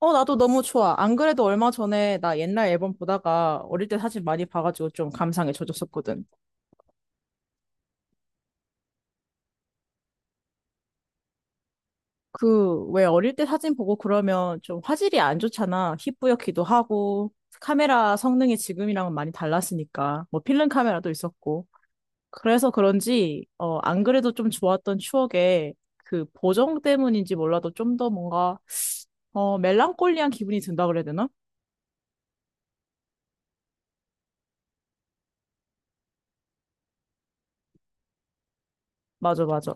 어, 나도 너무 좋아. 안 그래도 얼마 전에 나 옛날 앨범 보다가 어릴 때 사진 많이 봐가지고 좀 감상에 젖었었거든. 그, 왜 어릴 때 사진 보고 그러면 좀 화질이 안 좋잖아. 희뿌옇기도 하고, 카메라 성능이 지금이랑은 많이 달랐으니까. 뭐 필름 카메라도 있었고. 그래서 그런지, 어, 안 그래도 좀 좋았던 추억에 그 보정 때문인지 몰라도 좀 더 뭔가, 어, 멜랑콜리한 기분이 든다 그래야 되나? 맞아, 맞아.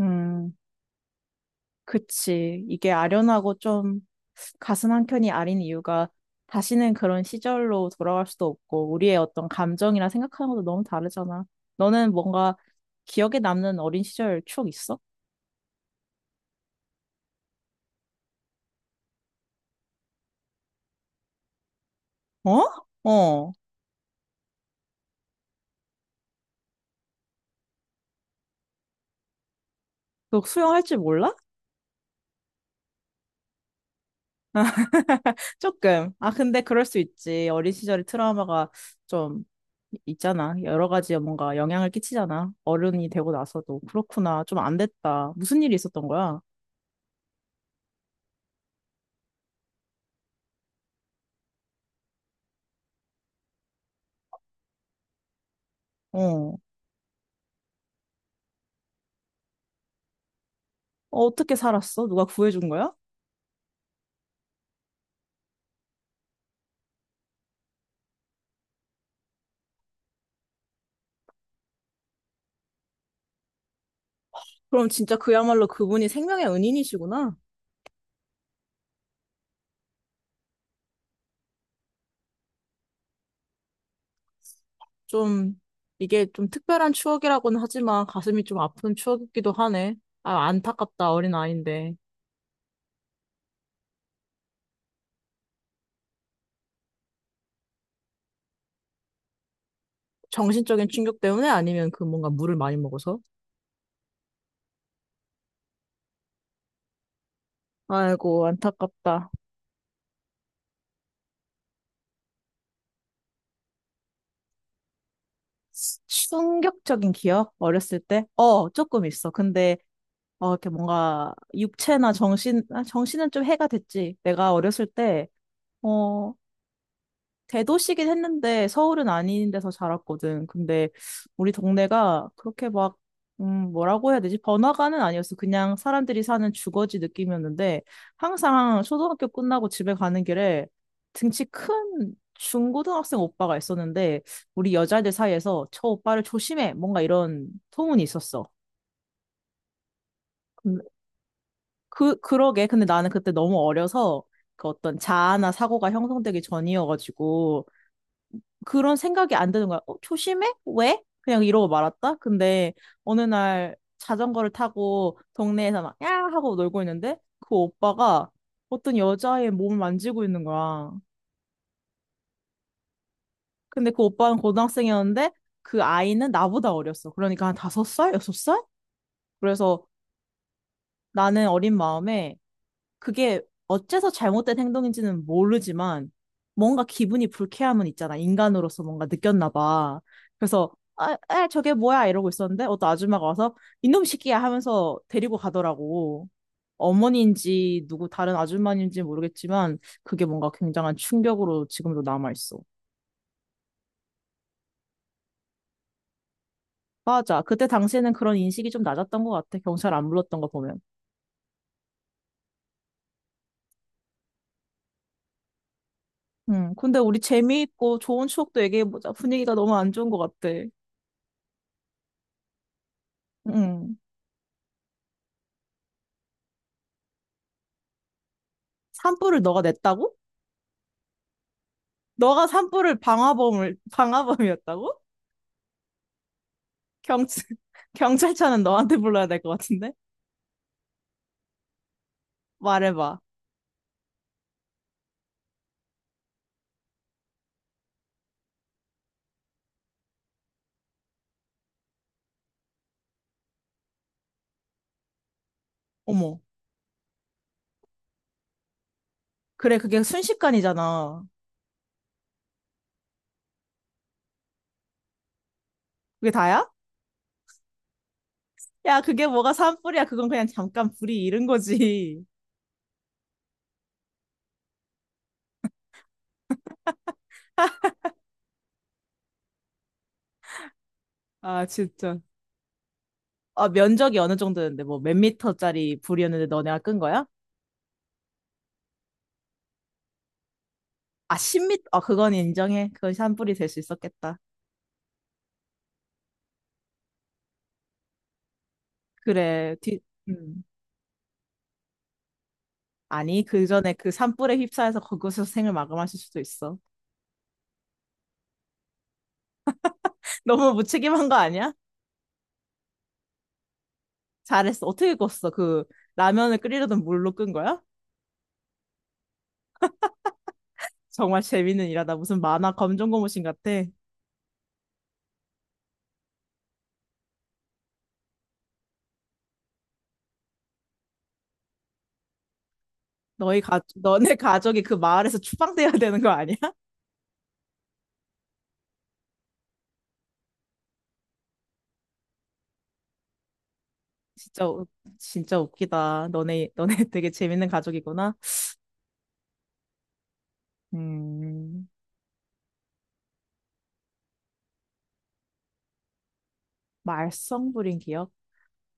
음. 그치. 이게 아련하고 좀 가슴 한켠이 아린 이유가 다시는 그런 시절로 돌아갈 수도 없고 우리의 어떤 감정이나 생각하는 것도 너무 다르잖아. 너는 뭔가 기억에 남는 어린 시절 추억 있어? 어? 어. 너 수영할 줄 몰라? 조금. 아, 근데 그럴 수 있지. 어린 시절의 트라우마가 좀 있잖아. 여러 가지 뭔가 영향을 끼치잖아. 어른이 되고 나서도. 그렇구나. 좀 안 됐다. 무슨 일이 있었던 거야? 어. 어, 어떻게 살았어? 누가 구해준 거야? 그럼 진짜 그야말로 그분이 생명의 은인이시구나. 좀, 이게 좀 특별한 추억이라고는 하지만 가슴이 좀 아픈 추억이기도 하네. 아, 안타깝다, 어린 아이인데. 정신적인 충격 때문에 아니면 그 뭔가 물을 많이 먹어서? 아이고, 안타깝다. 충격적인 기억? 어렸을 때? 어, 조금 있어. 근데, 어, 이렇게 뭔가, 육체나 정신, 아, 정신은 좀 해가 됐지. 내가 어렸을 때, 어, 대도시긴 했는데 서울은 아닌 데서 자랐거든. 근데 우리 동네가 그렇게 막, 뭐라고 해야 되지? 번화가는 아니었어. 그냥 사람들이 사는 주거지 느낌이었는데 항상 초등학교 끝나고 집에 가는 길에 등치 큰 중고등학생 오빠가 있었는데 우리 여자애들 사이에서 저 오빠를 조심해! 뭔가 이런 소문이 있었어. 근- 그, 그러게. 근데 나는 그때 너무 어려서 그 어떤 자아나 사고가 형성되기 전이어가지고 그런 생각이 안 드는 거야. 어, 조심해? 왜? 그냥 이러고 말았다. 근데 어느 날 자전거를 타고 동네에서 막, 야! 하고 놀고 있는데 그 오빠가 어떤 여자의 몸을 만지고 있는 거야. 근데 그 오빠는 고등학생이었는데 그 아이는 나보다 어렸어. 그러니까 한 다섯 살? 여섯 살? 그래서 나는 어린 마음에 그게 어째서 잘못된 행동인지는 모르지만 뭔가 기분이 불쾌함은 있잖아. 인간으로서 뭔가 느꼈나 봐. 그래서 아, 에, 저게 뭐야 이러고 있었는데 어떤 아줌마가 와서 이놈 시끼야 하면서 데리고 가더라고. 어머니인지 누구 다른 아줌마인지 모르겠지만 그게 뭔가 굉장한 충격으로 지금도 남아있어. 맞아. 그때 당시에는 그런 인식이 좀 낮았던 것 같아. 경찰 안 불렀던 거 보면. 근데 우리 재미있고 좋은 추억도 얘기해보자. 분위기가 너무 안 좋은 것 같아. 음. 산불을 너가 냈다고? 너가 산불을 방화범을 방화범이었다고? 경찰 경찰차는 너한테 불러야 될 것 같은데? 말해봐. 어머. 그래, 그게 순식간이잖아. 그게 다야? 야, 그게 뭐가 산불이야? 그건 그냥 잠깐 불이 이른 거지. 아, 진짜. 아, 면적이 어느 정도였는데, 뭐, 몇 미터짜리 불이었는데 너네가 끈 거야? 아, 10미터? 아, 그건 인정해. 그건 산불이 될 수 있었겠다. 그래, 뒤, 음. 아니, 그 전에 그 산불에 휩싸여서 거기서 생을 마감하실 수도 있어. 너무 무책임한 거 아니야? 잘했어. 어떻게 껐어? 그 라면을 끓이려던 물로 끈 거야? 정말 재밌는 일하다. 무슨 만화 검정고무신 같아. 너네 가족이 그 마을에서 추방돼야 되는 거 아니야? 진짜, 웃- 진짜 웃기다. 너네 되게 재밌는 가족이구나. 음, 말썽 부린 기억?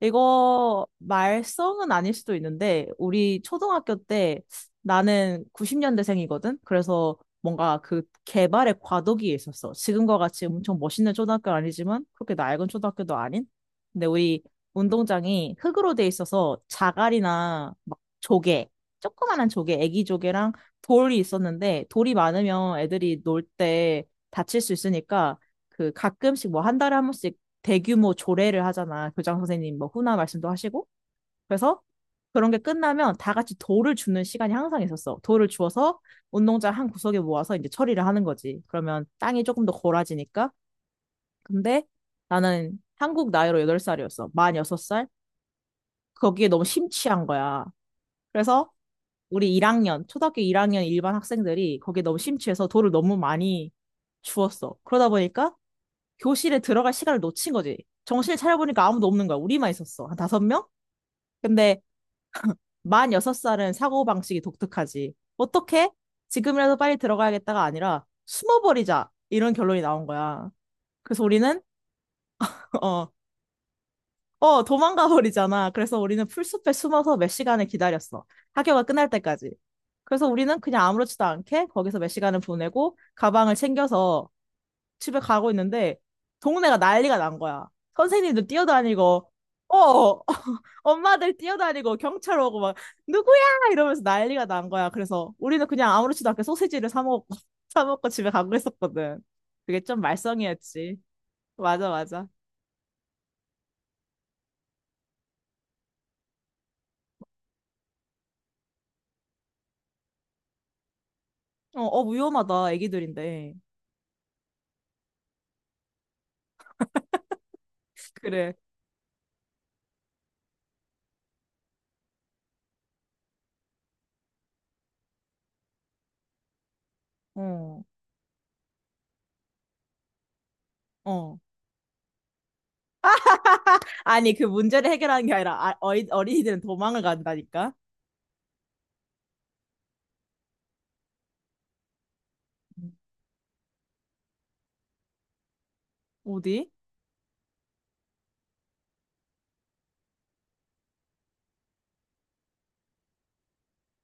이거 말썽은 아닐 수도 있는데, 우리 초등학교 때 나는 90년대생이거든? 그래서 뭔가 그 개발의 과도기에 있었어. 지금과 같이 엄청 멋있는 초등학교는 아니지만, 그렇게 낡은 초등학교도 아닌? 근데 우리 운동장이 흙으로 돼 있어서 자갈이나 막 조개, 조그만한 조개, 애기 조개랑 돌이 있었는데, 돌이 많으면 애들이 놀 때 다칠 수 있으니까, 그 가끔씩 뭐 한 달에 한 번씩 대규모 조례를 하잖아. 교장 선생님 뭐 훈화 말씀도 하시고. 그래서 그런 게 끝나면 다 같이 돌을 주는 시간이 항상 있었어. 돌을 주어서 운동장 한 구석에 모아서 이제 처리를 하는 거지. 그러면 땅이 조금 더 골아지니까. 근데 나는 한국 나이로 8살이었어. 만 6살. 거기에 너무 심취한 거야. 그래서 우리 1학년, 초등학교 1학년 일반 학생들이 거기에 너무 심취해서 돌을 너무 많이 주웠어. 그러다 보니까 교실에 들어갈 시간을 놓친 거지. 정신을 차려보니까 아무도 없는 거야. 우리만 있었어. 한 다섯 명? 근데 만 여섯 살은 사고방식이 독특하지. 어떻게? 지금이라도 빨리 들어가야겠다가 아니라 숨어버리자. 이런 결론이 나온 거야. 그래서 우리는, 어, 도망가 버리잖아. 그래서 우리는 풀숲에 숨어서 몇 시간을 기다렸어. 학교가 끝날 때까지. 그래서 우리는 그냥 아무렇지도 않게 거기서 몇 시간을 보내고 가방을 챙겨서 집에 가고 있는데 동네가 난리가 난 거야. 선생님들 뛰어다니고, 어, 엄마들 뛰어다니고 경찰 오고 막 누구야 이러면서 난리가 난 거야. 그래서 우리는 그냥 아무렇지도 않게 소시지를 사 먹고 사 먹고 집에 가고 있었거든. 그게 좀 말썽이었지. 맞아, 맞아. 어, 어 위험하다. 애기들인데. 그래. 어, 어. 아니 그 문제를 해결하는 게 아니라 어린이들은 도망을 간다니까. 음. 어디?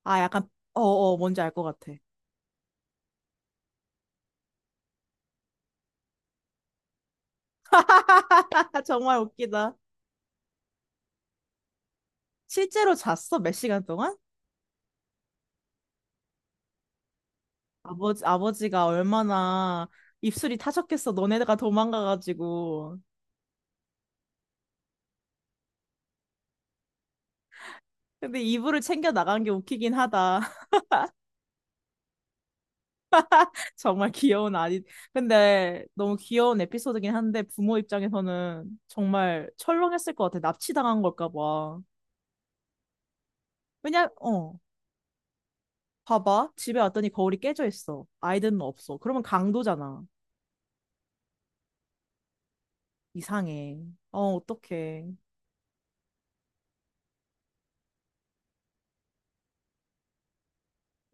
아 약간 어어 뭔지 알 것 같아. 정말 웃기다. 실제로 잤어? 몇 시간 동안? 아버지가 얼마나 입술이 타셨겠어. 너네가 도망가가지고. 근데 이불을 챙겨 나간 게 웃기긴 하다. 정말 귀여운 아이. 근데 너무 귀여운 에피소드긴 한데 부모 입장에서는 정말 철렁했을 것 같아. 납치당한 걸까 봐. 왜냐, 어, 봐봐. 집에 왔더니 거울이 깨져 있어. 아이들은 없어. 그러면 강도잖아. 이상해. 어, 어떡해.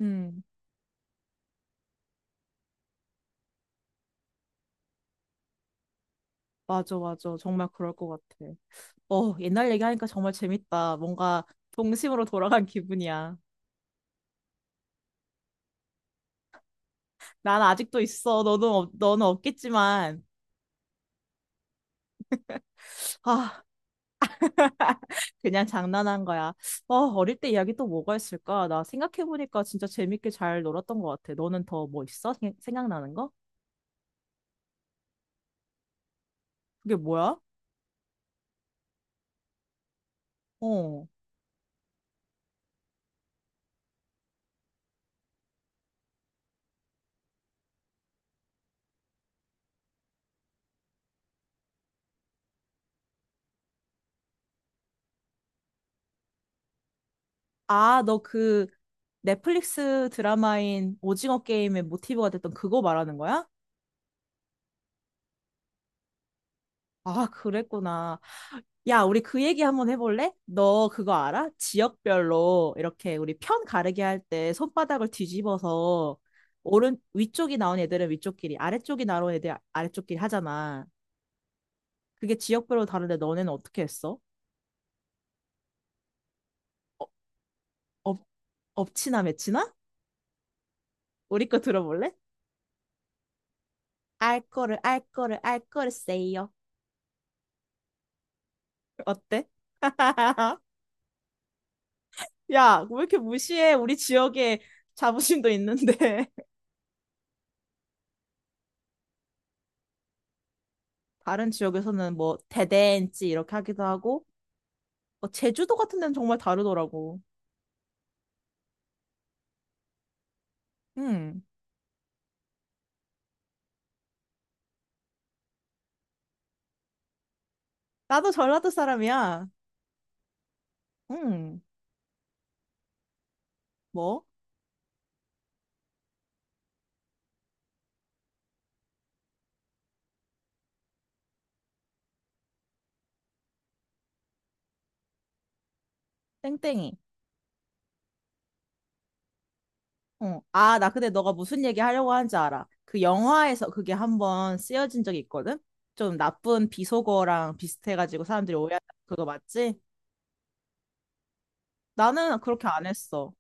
음. 맞아, 맞아. 정말 그럴 것 같아. 어, 옛날 얘기하니까 정말 재밌다. 뭔가 동심으로 돌아간 기분이야. 난 아직도 있어. 너는 없겠지만. 아, 그냥 장난한 거야. 어, 어릴 때 이야기 또 뭐가 있을까? 나 생각해보니까 진짜 재밌게 잘 놀았던 것 같아. 너는 더 뭐 있어? 생각나는 거? 그게 뭐야? 어. 아, 너 그 넷플릭스 드라마인 오징어 게임의 모티브가 됐던 그거 말하는 거야? 아, 그랬구나. 야, 우리 그 얘기 한번 해볼래? 너 그거 알아? 지역별로 이렇게 우리 편 가르기 할 때 손바닥을 뒤집어서 오른 위쪽이 나온 애들은 위쪽끼리, 아래쪽이 나온 애들 아래쪽끼리 하잖아. 그게 지역별로 다른데 너네는 어떻게 했어? 어, 업, 업치나 매치나? 우리 거 들어볼래? 알 거를 알 거를 알 거를 세요. 어때? 야, 왜 이렇게 무시해? 우리 지역에 자부심도 있는데. 다른 지역에서는 뭐 대댄지 이렇게 하기도 하고 어, 제주도 같은 데는 정말 다르더라고. 응, 나도 전라도 사람이야. 응, 뭐? 땡땡이. 어, 아, 나 근데 너가 무슨 얘기 하려고 하는지 알아. 그 영화에서 그게 한번 쓰여진 적이 있거든? 좀 나쁜 비속어랑 비슷해가지고 사람들이 오해하는 그거 맞지? 나는 그렇게 안 했어.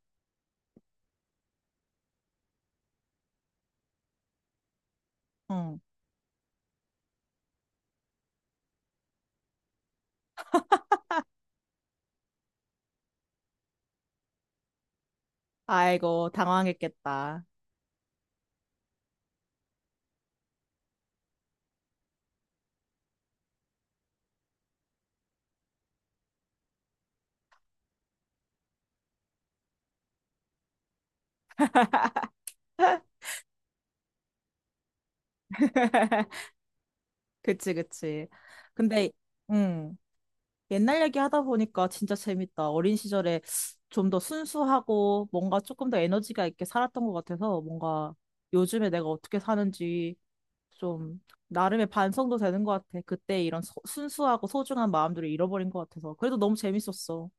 응. 아이고, 당황했겠다. 그치, 그치. 근데 응. 옛날 얘기 하다 보니까 진짜 재밌다. 어린 시절에 좀 더 순수하고 뭔가 조금 더 에너지가 있게 살았던 것 같아서 뭔가 요즘에 내가 어떻게 사는지 좀 나름의 반성도 되는 것 같아. 그때 이런 순수하고 소중한 마음들을 잃어버린 것 같아서. 그래도 너무 재밌었어.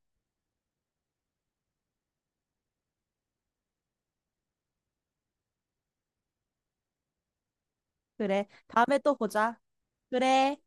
그래. 다음에 또 보자. 그래.